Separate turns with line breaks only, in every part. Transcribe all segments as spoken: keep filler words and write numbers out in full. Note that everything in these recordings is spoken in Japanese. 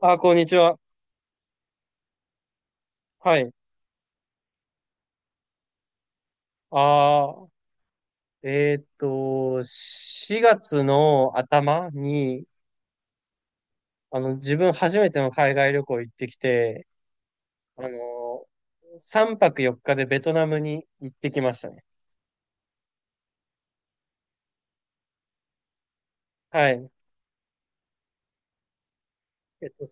あ、こんにちは。はい。ああ、えーっと、しがつの頭に、あの、自分初めての海外旅行行ってきて、あの、さんぱくよっかでベトナムに行ってきましたね。はい。えっと、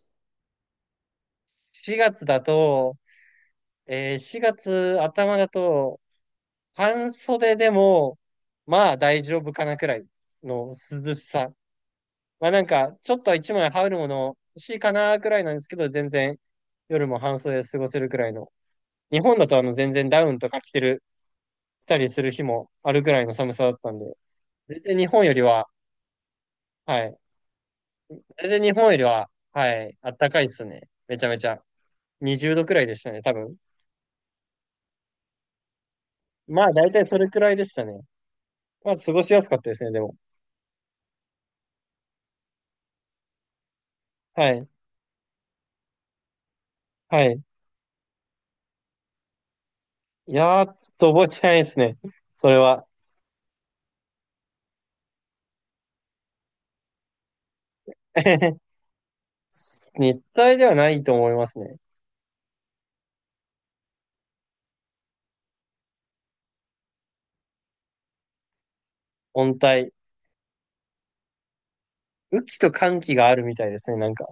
しがつだと、えー、しがつ頭だと、半袖でも、まあ大丈夫かなくらいの涼しさ、まあなんか、ちょっと一枚羽織るもの欲しいかなくらいなんですけど、全然夜も半袖で過ごせるくらいの。日本だとあの全然ダウンとか着てる、着たりする日もあるくらいの寒さだったんで、全然日本よりは、はい。全然日本よりは、はい、あったかいっすね。めちゃめちゃ。にじゅうどくらいでしたね、多分。まあ大体それくらいでしたね。まあ過ごしやすかったですね、でも。はい。はい。いやー、ちょっと覚えてないですね、それは。熱帯ではないと思いますね。温帯。雨季と寒季があるみたいですね、なんか。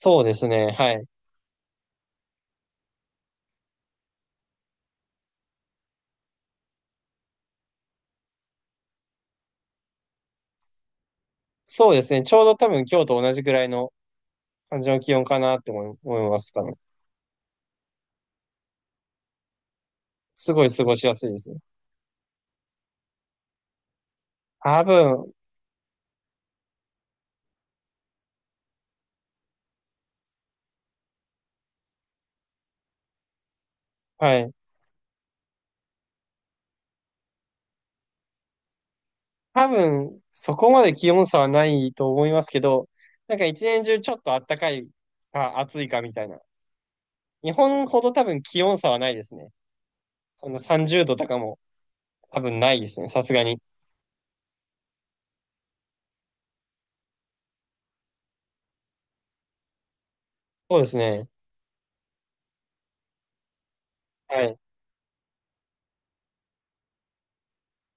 そうですね、はい。そうですね、ちょうど多分今日と同じくらいの感じの気温かなって思い、思います、多分。すごい過ごしやすいですね。多分、はい。多分、そこまで気温差はないと思いますけど、なんか一年中ちょっと暖かいか暑いかみたいな。日本ほど多分気温差はないですね。そんなさんじゅうどとかも多分ないですね、さすがに。そうですね。はい。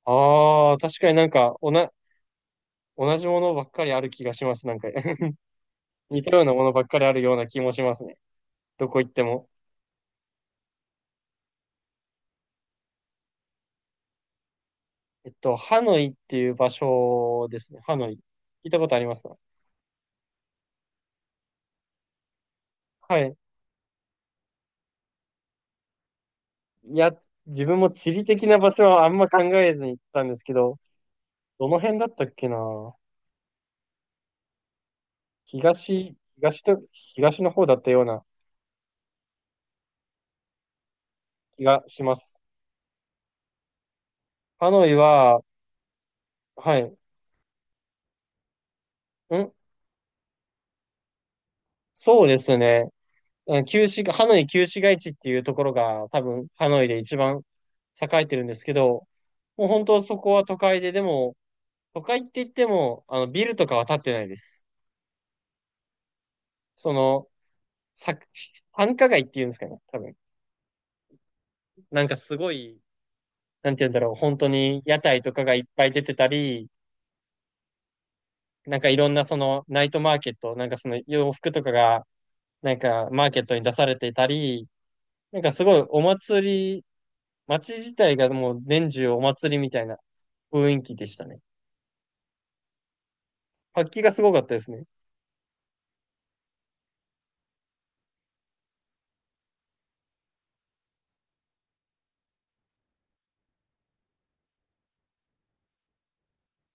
ああ、確かになんか、おな、同じものばっかりある気がします、なんか。似たようなものばっかりあるような気もしますね。どこ行っても。えっと、ハノイっていう場所ですね。ハノイ。聞いたことありますか？はい。いや、自分も地理的な場所はあんま考えずに行ったんですけど、どの辺だったっけな、東、東と、東の方だったような気がします。ハノイは、はい。ん、そうですね。うん旧市、ハノイ旧市街地っていうところが多分ハノイで一番栄えてるんですけど、もう本当そこは都会で、でも、都会って言っても、あの、ビルとかは建ってないです。その、さ、繁華街っていうんですかね、多分。なんかすごい、なんて言うんだろう、本当に屋台とかがいっぱい出てたり、なんかいろんなそのナイトマーケット、なんかその洋服とかが、なんかマーケットに出されていたり、なんかすごいお祭り、街自体がもう年中お祭りみたいな雰囲気でしたね。活気がすごかったですね。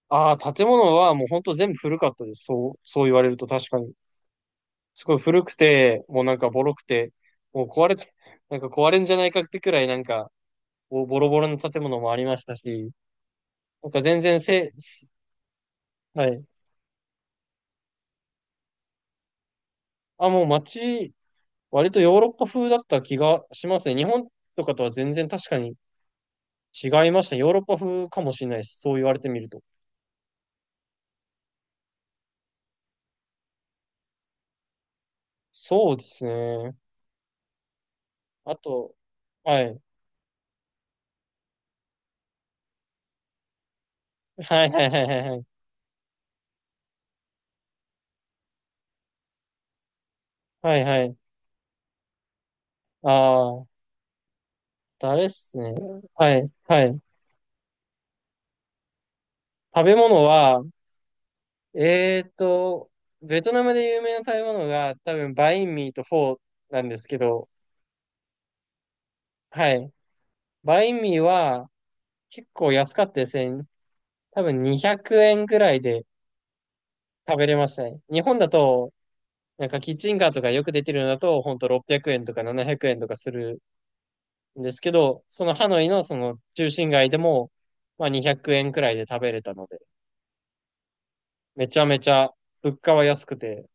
ああ、建物はもう本当全部古かったです。そう、そう言われると確かに。すごい古くて、もうなんかボロくて、もう壊れて、なんか壊れんじゃないかってくらいなんか、ボボロボロの建物もありましたし、なんか全然せ、はい。あ、もう街、割とヨーロッパ風だった気がしますね。日本とかとは全然確かに違いましたね。ヨーロッパ風かもしれないです、そう言われてみると。そうですね。あと、はい。はいはいはいはいはい。はいはい。ああ、誰っすね。はいはい。食べ物は、えーっと、ベトナムで有名な食べ物が多分バインミーとフォーなんですけど、はい。バインミーは結構安かったですね。多分にひゃくえんくえんくらいで食べれましたね。日本だと、なんかキッチンカーとかよく出てるのだと、ほんとろっぴゃくえんとかななひゃくえんとかするんですけど、そのハノイのその中心街でも、まあにひゃくえんくえんくらいで食べれたので、めちゃめちゃ物価は安くて、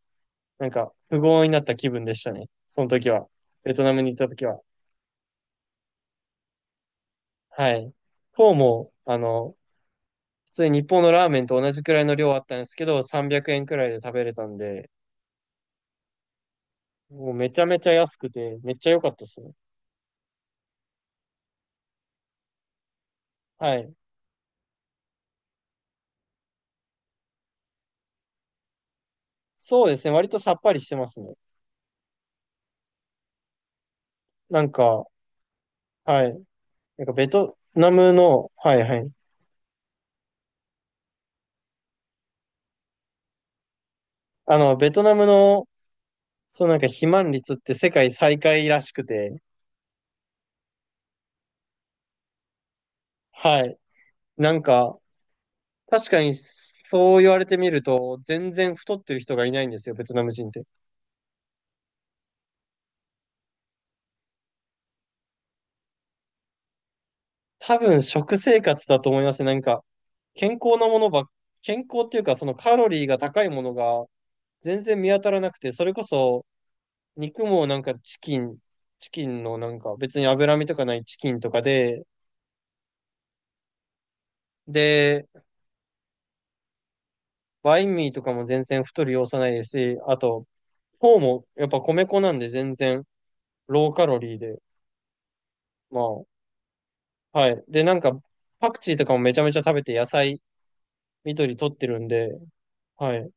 なんか富豪になった気分でしたね。その時は。ベトナムに行った時は。はい。フォーも、あの、普通に日本のラーメンと同じくらいの量あったんですけど、さんびゃくえんくえんくらいで食べれたんで、もうめちゃめちゃ安くて、めっちゃ良かったですね。はい。そうですね。割とさっぱりしてますね。なんか、はい。なんかベトナムの、はいはい。あの、ベトナムの、そうなんか肥満率って世界最下位らしくて、はい。なんか、確かにそう言われてみると、全然太ってる人がいないんですよ、ベトナム人って。多分食生活だと思いますね。なんか、健康なものばっ、健康っていうか、そのカロリーが高いものが全然見当たらなくて、それこそ肉もなんかチキン、チキンのなんか別に脂身とかないチキンとかで、で、バインミーとかも全然太る要素ないですし、あと、フォーもやっぱ米粉なんで全然ローカロリーで、まあ、はい。で、なんかパクチーとかもめちゃめちゃ食べて、野菜、緑取ってるんで、はい。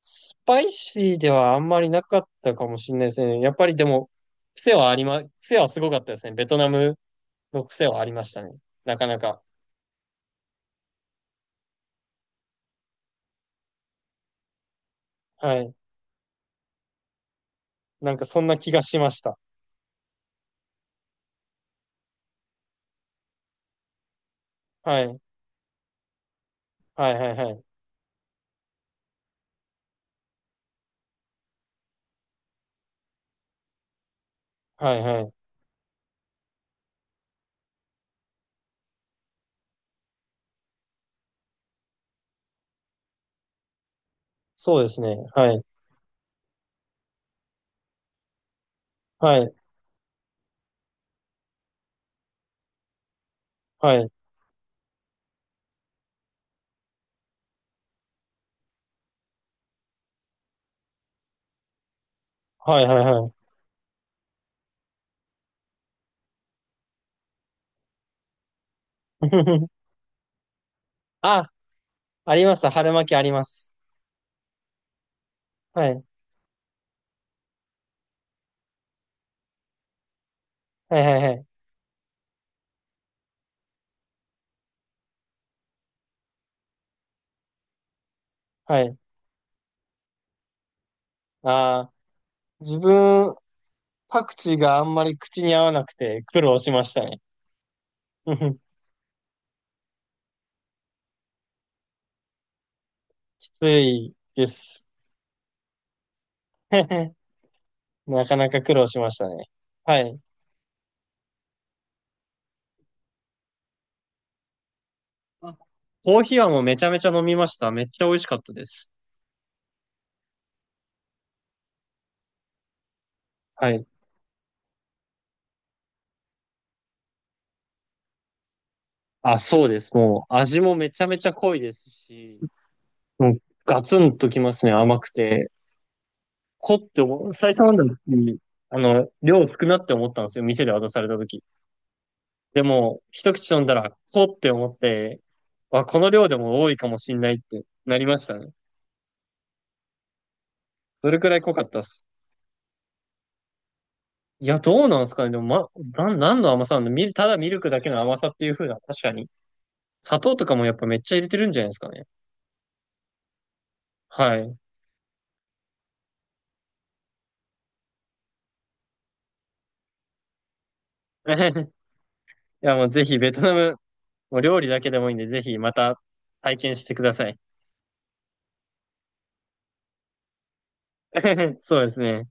スパイシーではあんまりなかったかもしれないですね。やっぱりでも、癖はありま、癖はすごかったですね。ベトナムの癖はありましたね。なかなか。はい。なんかそんな気がしました。はい。はいはいはい。はいはい。そうですね。はい。はい。はい。はいはいはい。あ、あります。春巻きあります。はい。はいはいはい。はい。あー、自分、パクチーがあんまり口に合わなくて苦労しましたね。きついです。なかなか苦労しましたね。はい。あ、コーヒーはもうめちゃめちゃ飲みました。めっちゃ美味しかったです。はい。あ、そうです。もう味もめちゃめちゃ濃いですし、もうガツンときますね、甘くて。濃って思う、最初飲んだ時、あの、量少なって思ったんですよ、店で渡された時。でも、一口飲んだら、濃って思って、あ、この量でも多いかもしんないってなりましたね。それくらい濃かったっす。いや、どうなんですかね。でも、ま、なん、何の甘さなんだ、ミル、ただミルクだけの甘さっていう風な、確かに。砂糖とかもやっぱめっちゃ入れてるんじゃないですかね。はい。いや、もうぜひベトナム、もう料理だけでもいいんで、ぜひまた体験してください。そうですね。